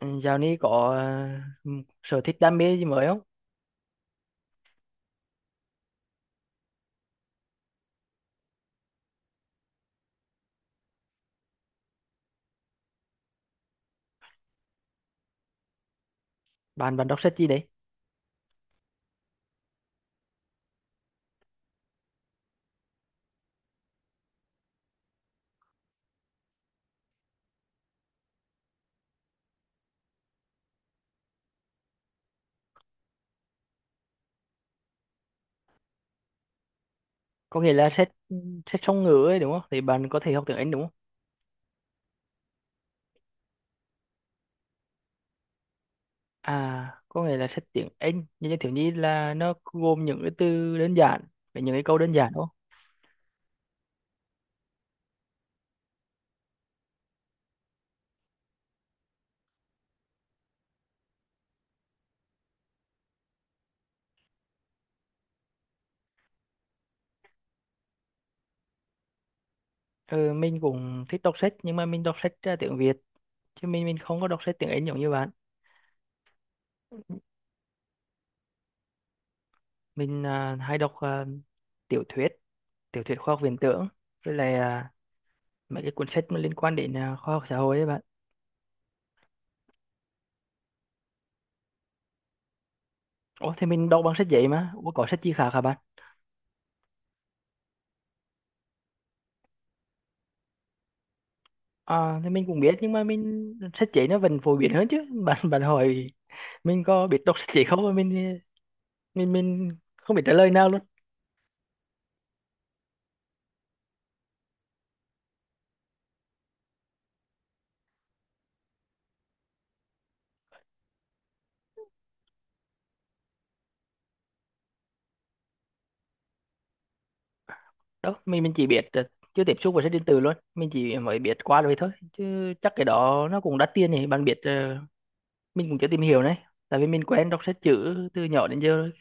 Ừ, dạo này có ờ, sở thích đam mê gì mới không? Bạn bạn đọc sách gì đấy? Có nghĩa là sách sách song ngữ ấy đúng không? Thì bạn có thể học tiếng Anh đúng không? À, có nghĩa là sách tiếng Anh như như thiếu nhi là nó gồm những cái từ đơn giản với những cái câu đơn giản đúng không? Ừ, mình cũng thích đọc sách nhưng mà mình đọc sách tiếng Việt chứ mình không có đọc sách tiếng Anh giống như bạn. Mình hay đọc tiểu thuyết, tiểu thuyết khoa học viễn tưởng với lại mấy cái cuốn sách mà liên quan đến khoa học xã hội ấy bạn. Ủa thì mình đọc bằng sách giấy mà. Ủa, có sách chi khác hả bạn? À thì mình cũng biết nhưng mà mình sách giấy nó vẫn phổ biến hơn chứ. Bạn bạn hỏi mình có biết đọc sách giấy không mà mình không biết trả lời nào luôn. Đó, mình chỉ biết là chưa tiếp xúc với sách điện tử luôn, mình chỉ mới biết qua rồi thôi. Chứ chắc cái đó nó cũng đắt tiền nhỉ, bạn biết mình cũng chưa tìm hiểu này. Tại vì mình quen đọc sách chữ từ nhỏ đến giờ rồi.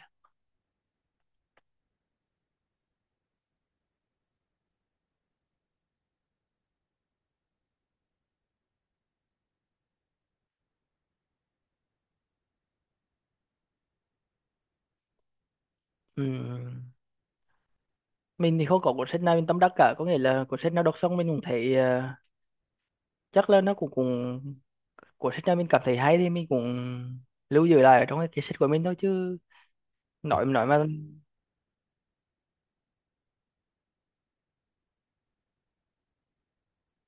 Ừm, Mình thì không có cuốn sách nào mình tâm đắc cả, có nghĩa là cuốn sách nào đọc xong mình cũng thấy chắc là nó cũng cũng của sách nào mình cảm thấy hay thì mình cũng lưu giữ lại ở trong cái sách của mình thôi chứ nói mà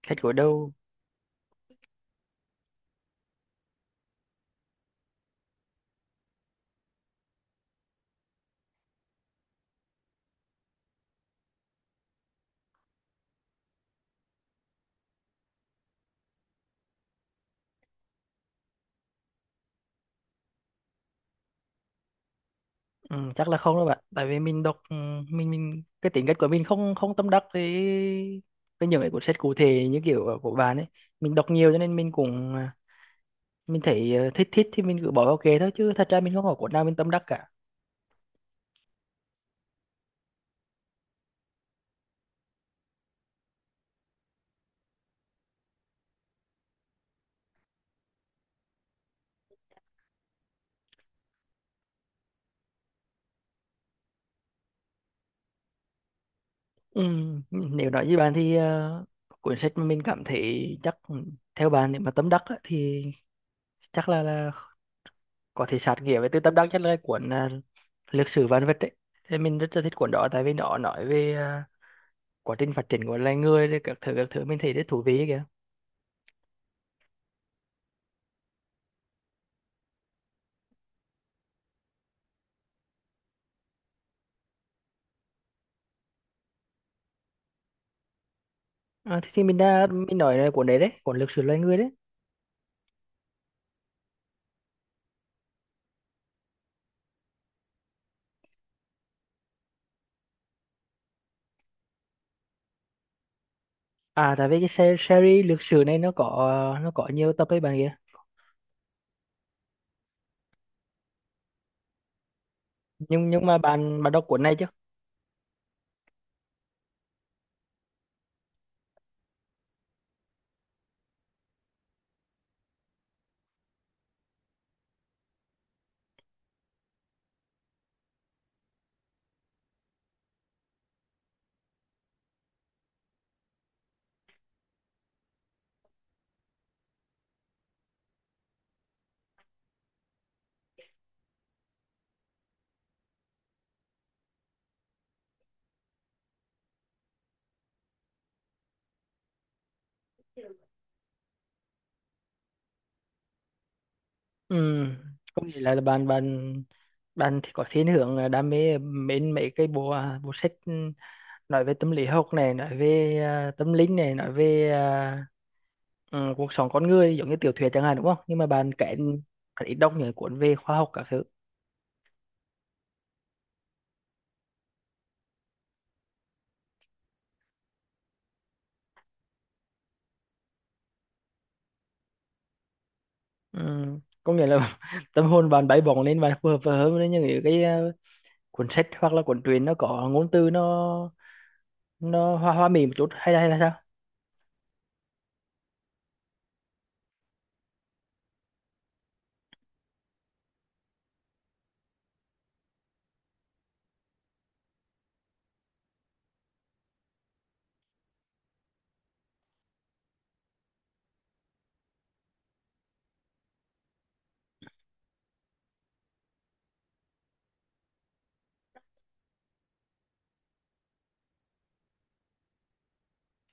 sách của đâu. Ừ, chắc là không đâu bạn tại vì mình đọc mình cái tính cách của mình không không tâm đắc với những cái cuốn sách cụ thể như kiểu của bạn ấy. Mình đọc nhiều cho nên mình cũng mình thấy thích thích thì mình cứ bỏ vào kệ thôi chứ thật ra mình không có cuốn nào mình tâm đắc cả. Ừ, nếu nói với bạn thì cuốn sách mà mình cảm thấy chắc theo bạn nếu mà tâm đắc á, thì chắc là có thể sát nghĩa với tư tâm đắc nhất là cuốn lịch sử vạn vật ấy. Thì mình rất là thích cuốn đó tại vì nó nói về quá trình phát triển của loài người rồi các thứ mình thấy rất thú vị ấy kìa. Thì mình đã mình nói là cuốn đấy đấy cuốn lịch sử loài người đấy. Tại vì cái series lịch sử này nó có nhiều tập ấy bạn kia. Nhưng mà bạn bạn đọc cuốn này chứ? Ừ. Có nghĩa là bạn bạn bạn thì có thiên hướng đam mê mến mấy cái bộ sách nói về tâm lý học này nói về tâm linh này nói về cuộc sống con người giống như tiểu thuyết chẳng hạn đúng không nhưng mà bạn kể ít đọc những cuốn về khoa học các thứ. Ừ. Có nghĩa là tâm hồn bạn bay bổng lên bạn phù hợp hơn với những cái cuốn sách hoặc là cuốn truyện nó có ngôn từ nó hoa hoa mỹ một chút hay là sao?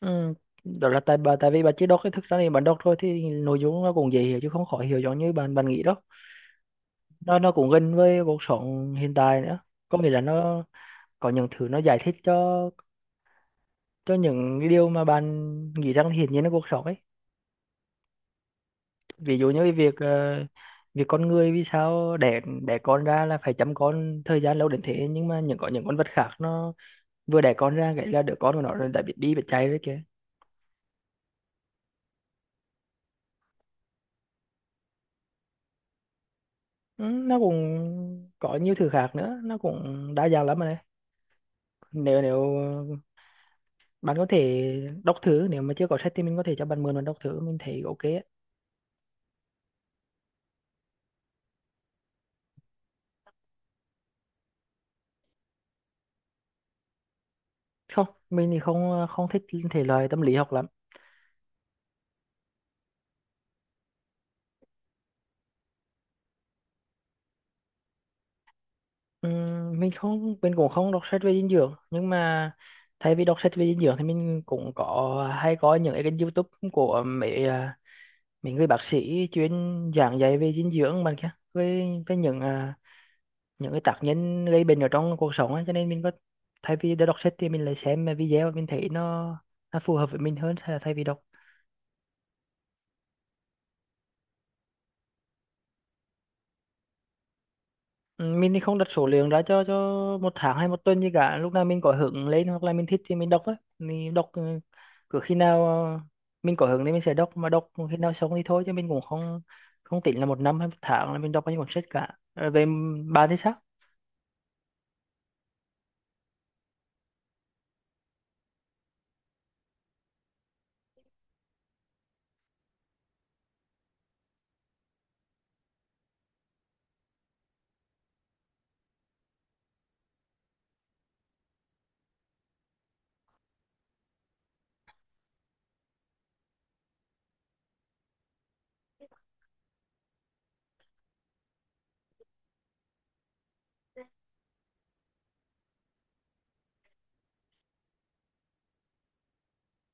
Ừ. Đó là tại vì bạn chỉ đọc cái thực ra thì bạn đọc thôi thì nội dung nó cũng dễ hiểu chứ không khó hiểu giống như bạn bạn nghĩ đâu. Nó cũng gần với cuộc sống hiện tại nữa. Có nghĩa là nó có những thứ nó giải thích cho những cái điều mà bạn nghĩ rằng hiển nhiên là cuộc sống ấy. Ví dụ như cái việc con người vì sao đẻ đẻ con ra là phải chăm con thời gian lâu đến thế nhưng mà những có những con vật khác nó vừa đẻ con ra cái là đứa con của nó đã biết đi biết chạy rồi kìa. Ừ, nó cũng có nhiều thứ khác nữa nó cũng đa dạng lắm mà đấy. Nếu nếu bạn có thể đọc thử nếu mà chưa có sách thì mình có thể cho bạn mượn và đọc thử mình thấy ok ấy. Không, mình thì không không thích thể loại tâm lý học lắm. Mình cũng không đọc sách về dinh dưỡng nhưng mà thay vì đọc sách về dinh dưỡng thì mình cũng có hay coi những cái kênh YouTube của mấy người bác sĩ chuyên giảng dạy về dinh dưỡng bạn kia với những cái tác nhân gây bệnh ở trong cuộc sống ấy. Cho nên mình có thay vì để đọc sách thì mình lại xem video mình thấy nó phù hợp với mình hơn thay thay vì đọc. Ừ, mình thì không đặt số lượng ra cho một tháng hay một tuần gì cả lúc nào mình có hứng lên hoặc là mình thích thì mình đọc á mình đọc cứ khi nào mình có hứng thì mình sẽ đọc mà đọc khi nào xong thì thôi chứ mình cũng không không tính là một năm hay một tháng là mình đọc bao nhiêu cuốn sách cả. Bạn thì sao?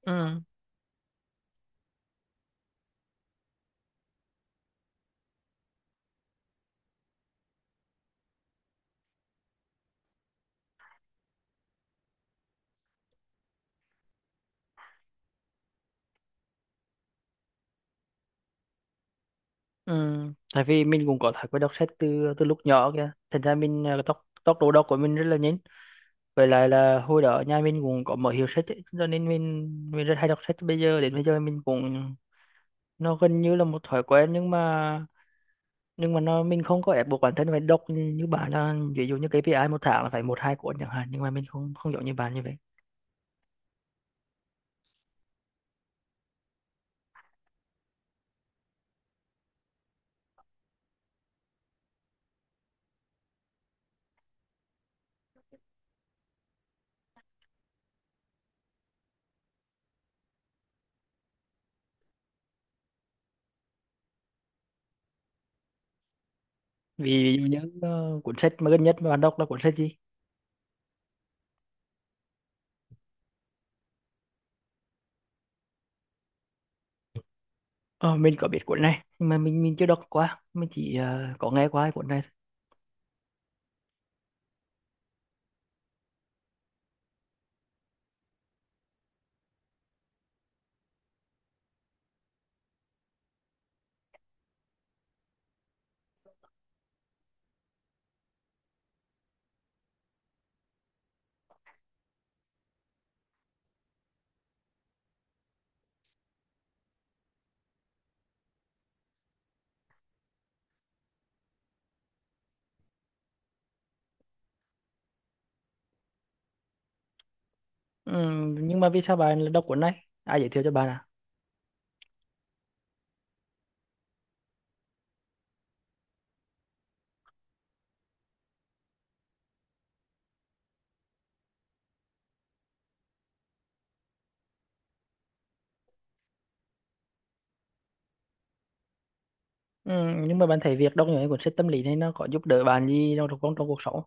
Ừ, ừ. Tại vì mình cũng có thói quen đọc sách từ từ lúc nhỏ kìa thành ra mình tốc tốc độ đọc của mình rất là nhanh. Với lại là hồi đó nhà mình cũng có mở hiệu sách ấy, cho nên mình rất hay đọc sách bây giờ đến bây giờ mình cũng nó gần như là một thói quen nhưng mà nó mình không có ép buộc bản thân phải đọc như bạn là ví dụ như KPI một tháng là phải một hai cuốn chẳng hạn nhưng mà mình không không giống như bạn như vậy. Ví dụ như cuốn sách mà gần nhất mà bạn đọc là cuốn sách gì? Ờ, mình có biết cuốn này nhưng mà mình chưa đọc qua mình chỉ có nghe qua cái cuốn này. Ừ, nhưng mà vì sao bạn lại đọc cuốn này? Ai giới thiệu cho bạn à? Ừ, nhưng mà bạn thấy việc đọc những cái cuốn sách tâm lý này nó có giúp đỡ bạn gì trong trong, trong cuộc sống?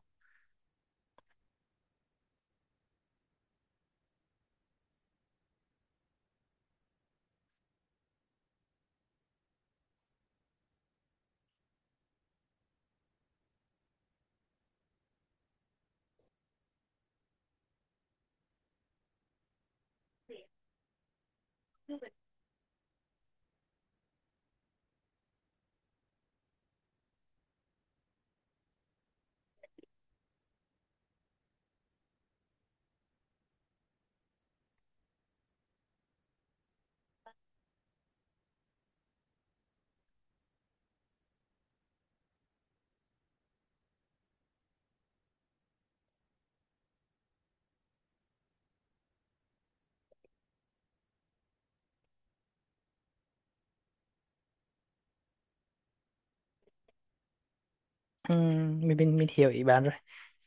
Ừ, mình hiểu ý bạn rồi.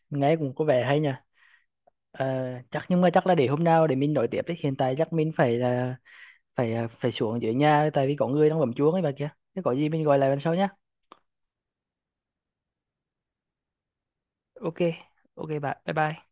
Nghe cũng có vẻ hay nhỉ. Ờ, Chắc nhưng mà chắc là để hôm nào để mình nói tiếp đấy hiện tại chắc mình phải là phải à, phải xuống dưới nhà tại vì có người đang bấm chuông ấy bà kia. Thế có gì mình gọi lại lần sau nhá. Ok, ok bạn, bye bye.